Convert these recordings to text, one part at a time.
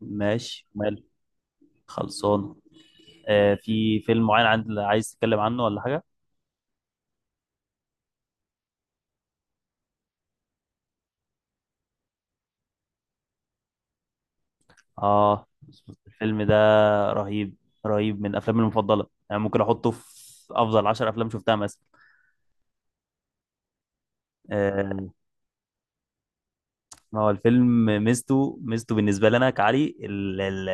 ماشي مال. خلصانه. آه، في فيلم معين عند عايز تتكلم عنه ولا حاجه؟ اه، الفيلم ده رهيب. رهيب، من افلامي المفضله، يعني ممكن احطه في افضل 10 افلام شفتها مثلا. آه، ما هو الفيلم ميزته بالنسبه لنا، كعلي ال ال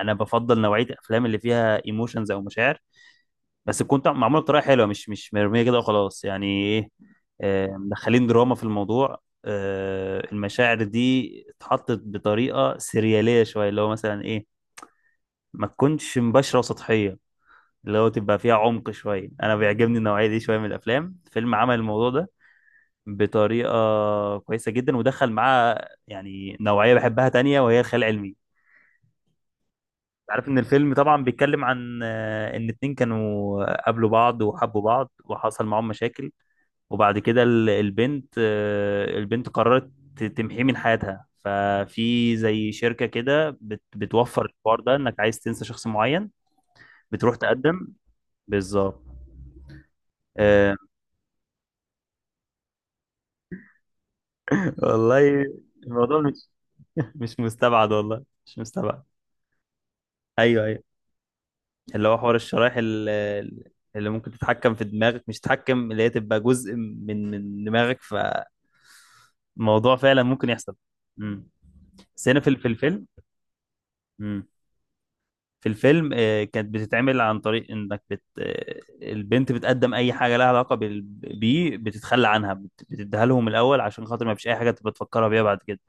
انا بفضل نوعيه الافلام اللي فيها ايموشنز او مشاعر، بس تكون معموله بطريقه حلوه، مش مرميه كده وخلاص، يعني ايه، مدخلين دراما في الموضوع. المشاعر دي اتحطت بطريقه سرياليه شويه، اللي هو مثلا ايه، ما تكونش مباشره وسطحيه، اللي هو تبقى فيها عمق شويه. انا بيعجبني النوعيه دي شويه من الافلام. فيلم عمل الموضوع ده بطريقه كويسه جدا، ودخل معاه يعني نوعيه بحبها تانية وهي الخيال العلمي. عارف ان الفيلم طبعا بيتكلم عن ان اتنين كانوا قابلوا بعض وحبوا بعض وحصل معاهم مشاكل. وبعد كده البنت قررت تمحيه من حياتها. ففي زي شركة كده بتوفر الحوار ده، انك عايز تنسى شخص معين، بتروح تقدم. بالظبط. آه. والله الموضوع مش، مش مستبعد، والله مش مستبعد. ايوه، ايوه، اللي هو حوار الشرايح اللي ممكن تتحكم في دماغك، مش تتحكم، اللي هي تبقى جزء من دماغك. فالموضوع فعلا ممكن يحصل. امم بس هنا في في الفيلم. امم. في الفيلم كانت بتتعمل عن طريق انك بت آه، البنت بتقدم اي حاجه لها علاقه بيه، بتتخلى عنها، بتديها لهم الاول، عشان خاطر ما فيش اي حاجه تبقى تفكرها بيها بعد كده.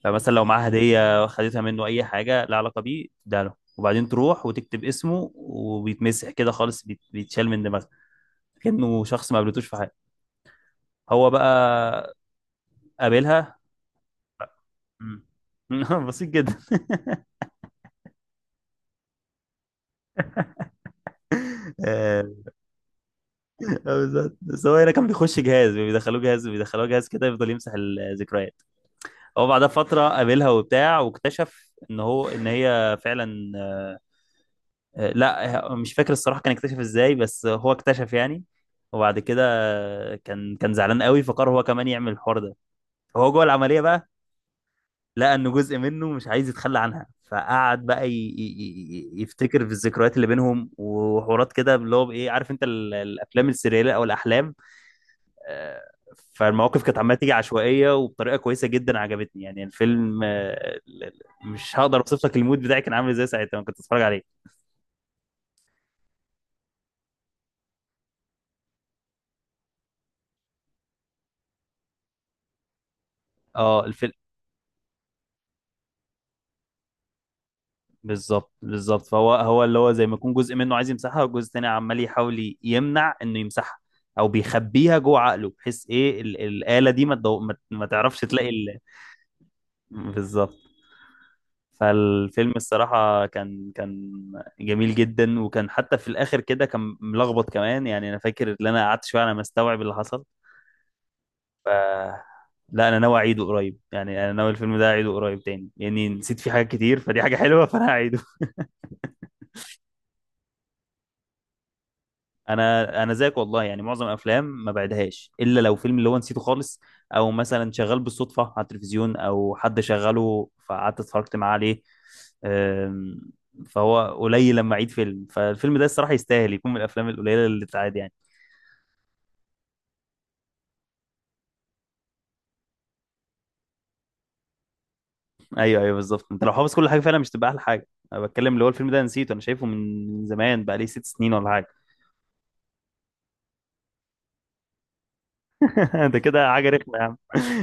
فمثلا لو معاها هديه خدتها منه، اي حاجه لها علاقه بيه تديها له، وبعدين تروح وتكتب اسمه وبيتمسح كده خالص، بيتشال من دماغها، كأنه شخص ما قابلتوش في حياته. هو بقى قابلها. مم. بسيط جدا. اه، بالظبط، بس هو هنا كان بيخش جهاز، بيدخلوه جهاز، بيدخلوه جهاز كده، يفضل يمسح الذكريات. هو بعدها فترة قابلها وبتاع، واكتشف ان هو، ان هي فعلا لا، مش فاكر الصراحة كان اكتشف ازاي، بس هو اكتشف يعني. وبعد كده كان زعلان قوي، فقرر هو كمان يعمل الحوار ده. فهو جوه العملية بقى، لقى ان جزء منه مش عايز يتخلى عنها، فقعد بقى يفتكر في الذكريات اللي بينهم، وحوارات كده، اللي هو بايه، عارف انت الافلام السريالية او الاحلام. آه، فالمواقف كانت عماله تيجي عشوائيه وبطريقه كويسه جدا، عجبتني يعني الفيلم. مش هقدر اوصف لك المود بتاعي كان عامل ازاي ساعتها لما كنت بتفرج عليه. اه، الفيلم بالظبط، بالظبط. فهو اللي هو زي ما يكون جزء منه عايز يمسحها، وجزء تاني عمال يحاول يمنع انه يمسحها، او بيخبيها جوه عقله، بحيث ايه الاله دي ما تعرفش تلاقي بالظبط. فالفيلم الصراحة كان جميل جدا، وكان حتى في الآخر كده كان ملخبط كمان، يعني أنا فاكر إن أنا قعدت شوية على ما استوعب اللي حصل. ف لا، أنا ناوي أعيده قريب، يعني أنا ناوي الفيلم ده أعيده قريب تاني، لأني يعني نسيت فيه حاجات كتير، فدي حاجة حلوة. فأنا هعيده. انا زيك والله، يعني معظم الافلام ما بعدهاش الا لو فيلم اللي هو نسيته خالص، او مثلا شغال بالصدفه على التلفزيون او حد شغله فقعدت اتفرجت معاه عليه. أم، فهو قليل لما اعيد فيلم. فالفيلم ده الصراحه يستاهل يكون من الافلام القليله اللي تتعاد يعني. ايوه، ايوه، بالظبط، انت لو حافظ كل حاجه فعلا مش تبقى احلى حاجه. انا بتكلم اللي هو الفيلم ده نسيته، انا شايفه من زمان، بقى لي 6 سنين ولا حاجه. ده كده حاجه رخمه يا عم.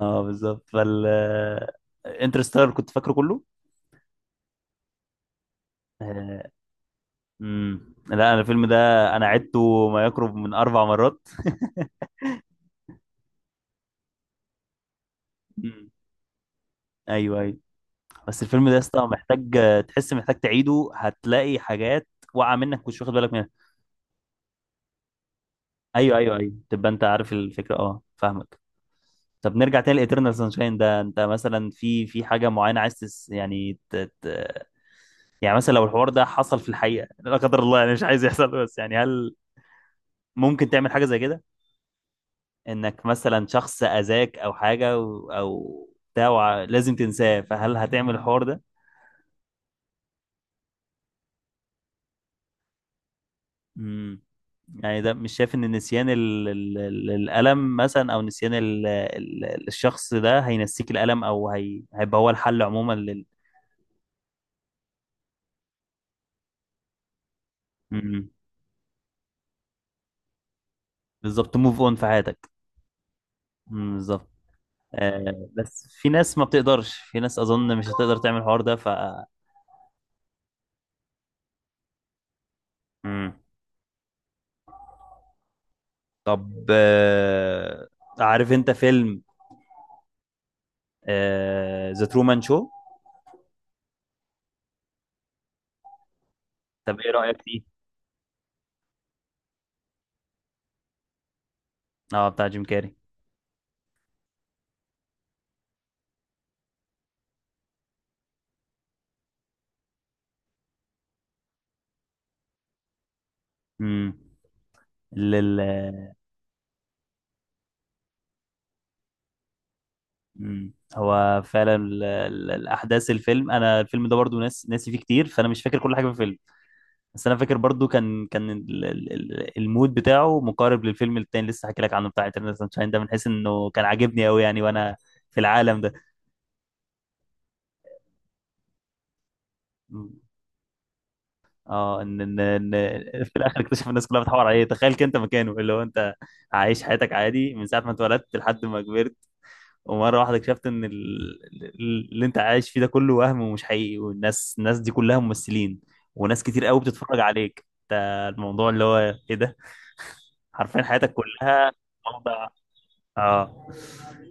اه، بالظبط. انترستيلر كنت فاكره كله. امم، لا، انا الفيلم ده انا عدته ما يقرب من 4 مرات. امم. ايوه، ايوه، بس الفيلم ده يا اسطى محتاج، تحس محتاج تعيده، هتلاقي حاجات واقعه منك مش واخد بالك منها. ايوه، ايوه، ايوه، تبقى انت عارف الفكره، اه فاهمك. طب نرجع تاني لإترنال سانشاين ده، انت مثلا في حاجه معينه عايز تس يعني ت... ت... يعني مثلا لو الحوار ده حصل في الحقيقه، لا قدر الله، يعني مش عايز يحصل، بس يعني هل ممكن تعمل حاجه زي كده، انك مثلا شخص اذاك او حاجه او بتاع لازم تنساه، فهل هتعمل الحوار ده؟ امم يعني ده، مش شايف ان نسيان الالم مثلا، او نسيان الشخص ده هينسيك الالم، او هيبقى هو الحل عموما امم، بالظبط، موف اون في حياتك. امم، بالظبط. آه، بس في ناس ما بتقدرش، في ناس اظن مش هتقدر تعمل الحوار ده. امم. طب عارف انت فيلم ذا ترومان شو؟ طب ايه رأيك فيه؟ اه، بتاع جيم كاري. امم لل مم. هو فعلا الاحداث الفيلم، انا الفيلم ده برضو ناسي فيه كتير، فانا مش فاكر كل حاجه في الفيلم. بس انا فاكر برضو كان المود بتاعه مقارب للفيلم التاني لسه حكي لك عنه، بتاع انترنال سانشاين ده، من حيث انه كان عاجبني قوي يعني، وانا في العالم ده. مم. اه، ان في الاخر اكتشف الناس كلها بتحور عليه. تخيل كنت مكانه، اللي هو انت عايش حياتك عادي من ساعه ما اتولدت لحد ما كبرت، ومره واحده اكتشفت ان اللي انت عايش فيه ده كله وهم ومش حقيقي، والناس، الناس دي كلها ممثلين، وناس كتير قوي بتتفرج عليك انت. الموضوع اللي هو ايه ده، حرفيا حياتك كلها موضع اه.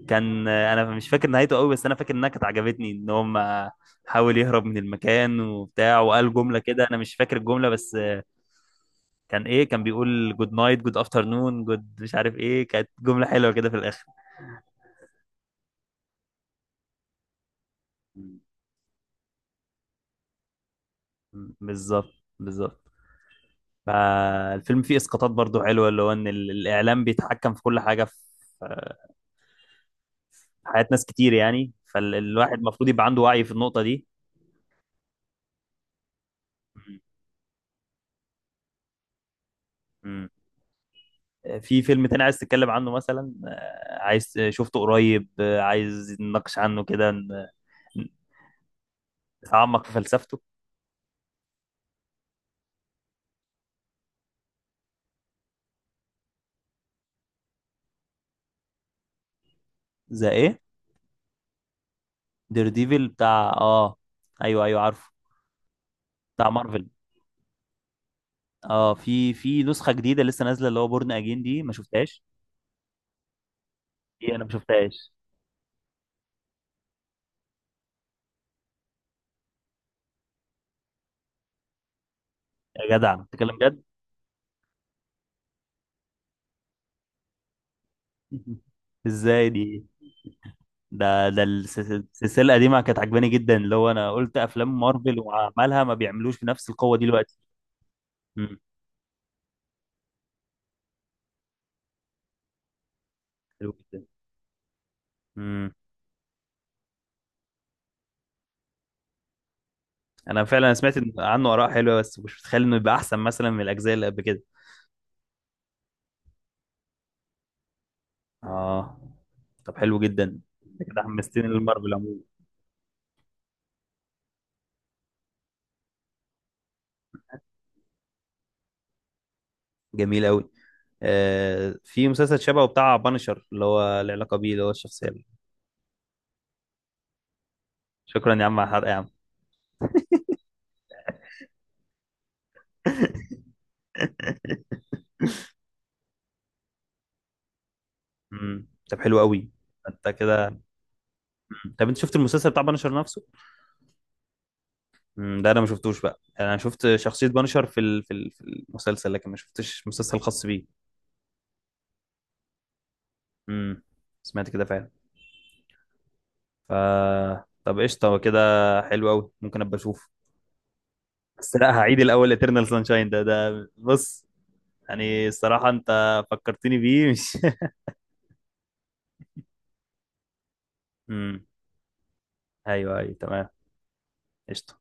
كان انا مش فاكر نهايته قوي، بس انا فاكر انها كانت عجبتني. ان هم حاول يهرب من المكان وبتاع، وقال جمله كده، انا مش فاكر الجمله بس، كان ايه، كان بيقول جود نايت جود افترنون جود مش عارف ايه، كانت جمله حلوه كده في الاخر. م- بالظبط، بالظبط. فالفيلم فيه اسقاطات برضو حلوه، اللي هو ان الاعلام بيتحكم في كل حاجه، في حياه ناس كتير يعني، فالواحد المفروض يبقى عنده وعي في النقطه دي. مم. في فيلم تاني عايز تتكلم عنه مثلا، عايز شفته قريب، عايز نناقش عنه كده، نتعمق في فلسفته. زي ايه؟ دير ديفل بتاع اه، ايوه، ايوه، عارفه، بتاع مارفل. اه، في نسخه جديده لسه نازله، اللي هو بورن اجين، دي ما شفتهاش. دي انا ما شفتهاش. يا جدع بتتكلم جد؟ ازاي دي؟ ده السلسله القديمه كانت عجباني جدا، اللي هو انا قلت افلام مارفل وعملها ما بيعملوش بنفس القوه دي دلوقتي. امم، حلو جدا. امم، انا فعلا سمعت إن عنه اراء حلوه، بس مش متخيل انه يبقى احسن مثلا من الاجزاء اللي قبل كده. اه، طب حلو جدا، انت كده حمستني للمارفل عموما. جميل قوي. آه، في مسلسل شبهه بتاع بانشر، اللي هو العلاقه بيه، اللي هو الشخصيه. شكرا يا عم على الحرق يا عم. امم، طب حلو قوي. انت كده، طب انت شفت المسلسل بتاع بانشر نفسه؟ ده انا ما شفتوش بقى، يعني انا شفت شخصية بانشر في في المسلسل، لكن ما شفتش مسلسل خاص بيه. امم، سمعت كده فعلا. ف طب قشطة، هو كده، حلو قوي، ممكن ابقى اشوف. بس لا، هعيد الاول eternal sunshine ده، بص، يعني الصراحة انت فكرتني بيه مش. امم، ايوه، ايوه، تمام، قشطة.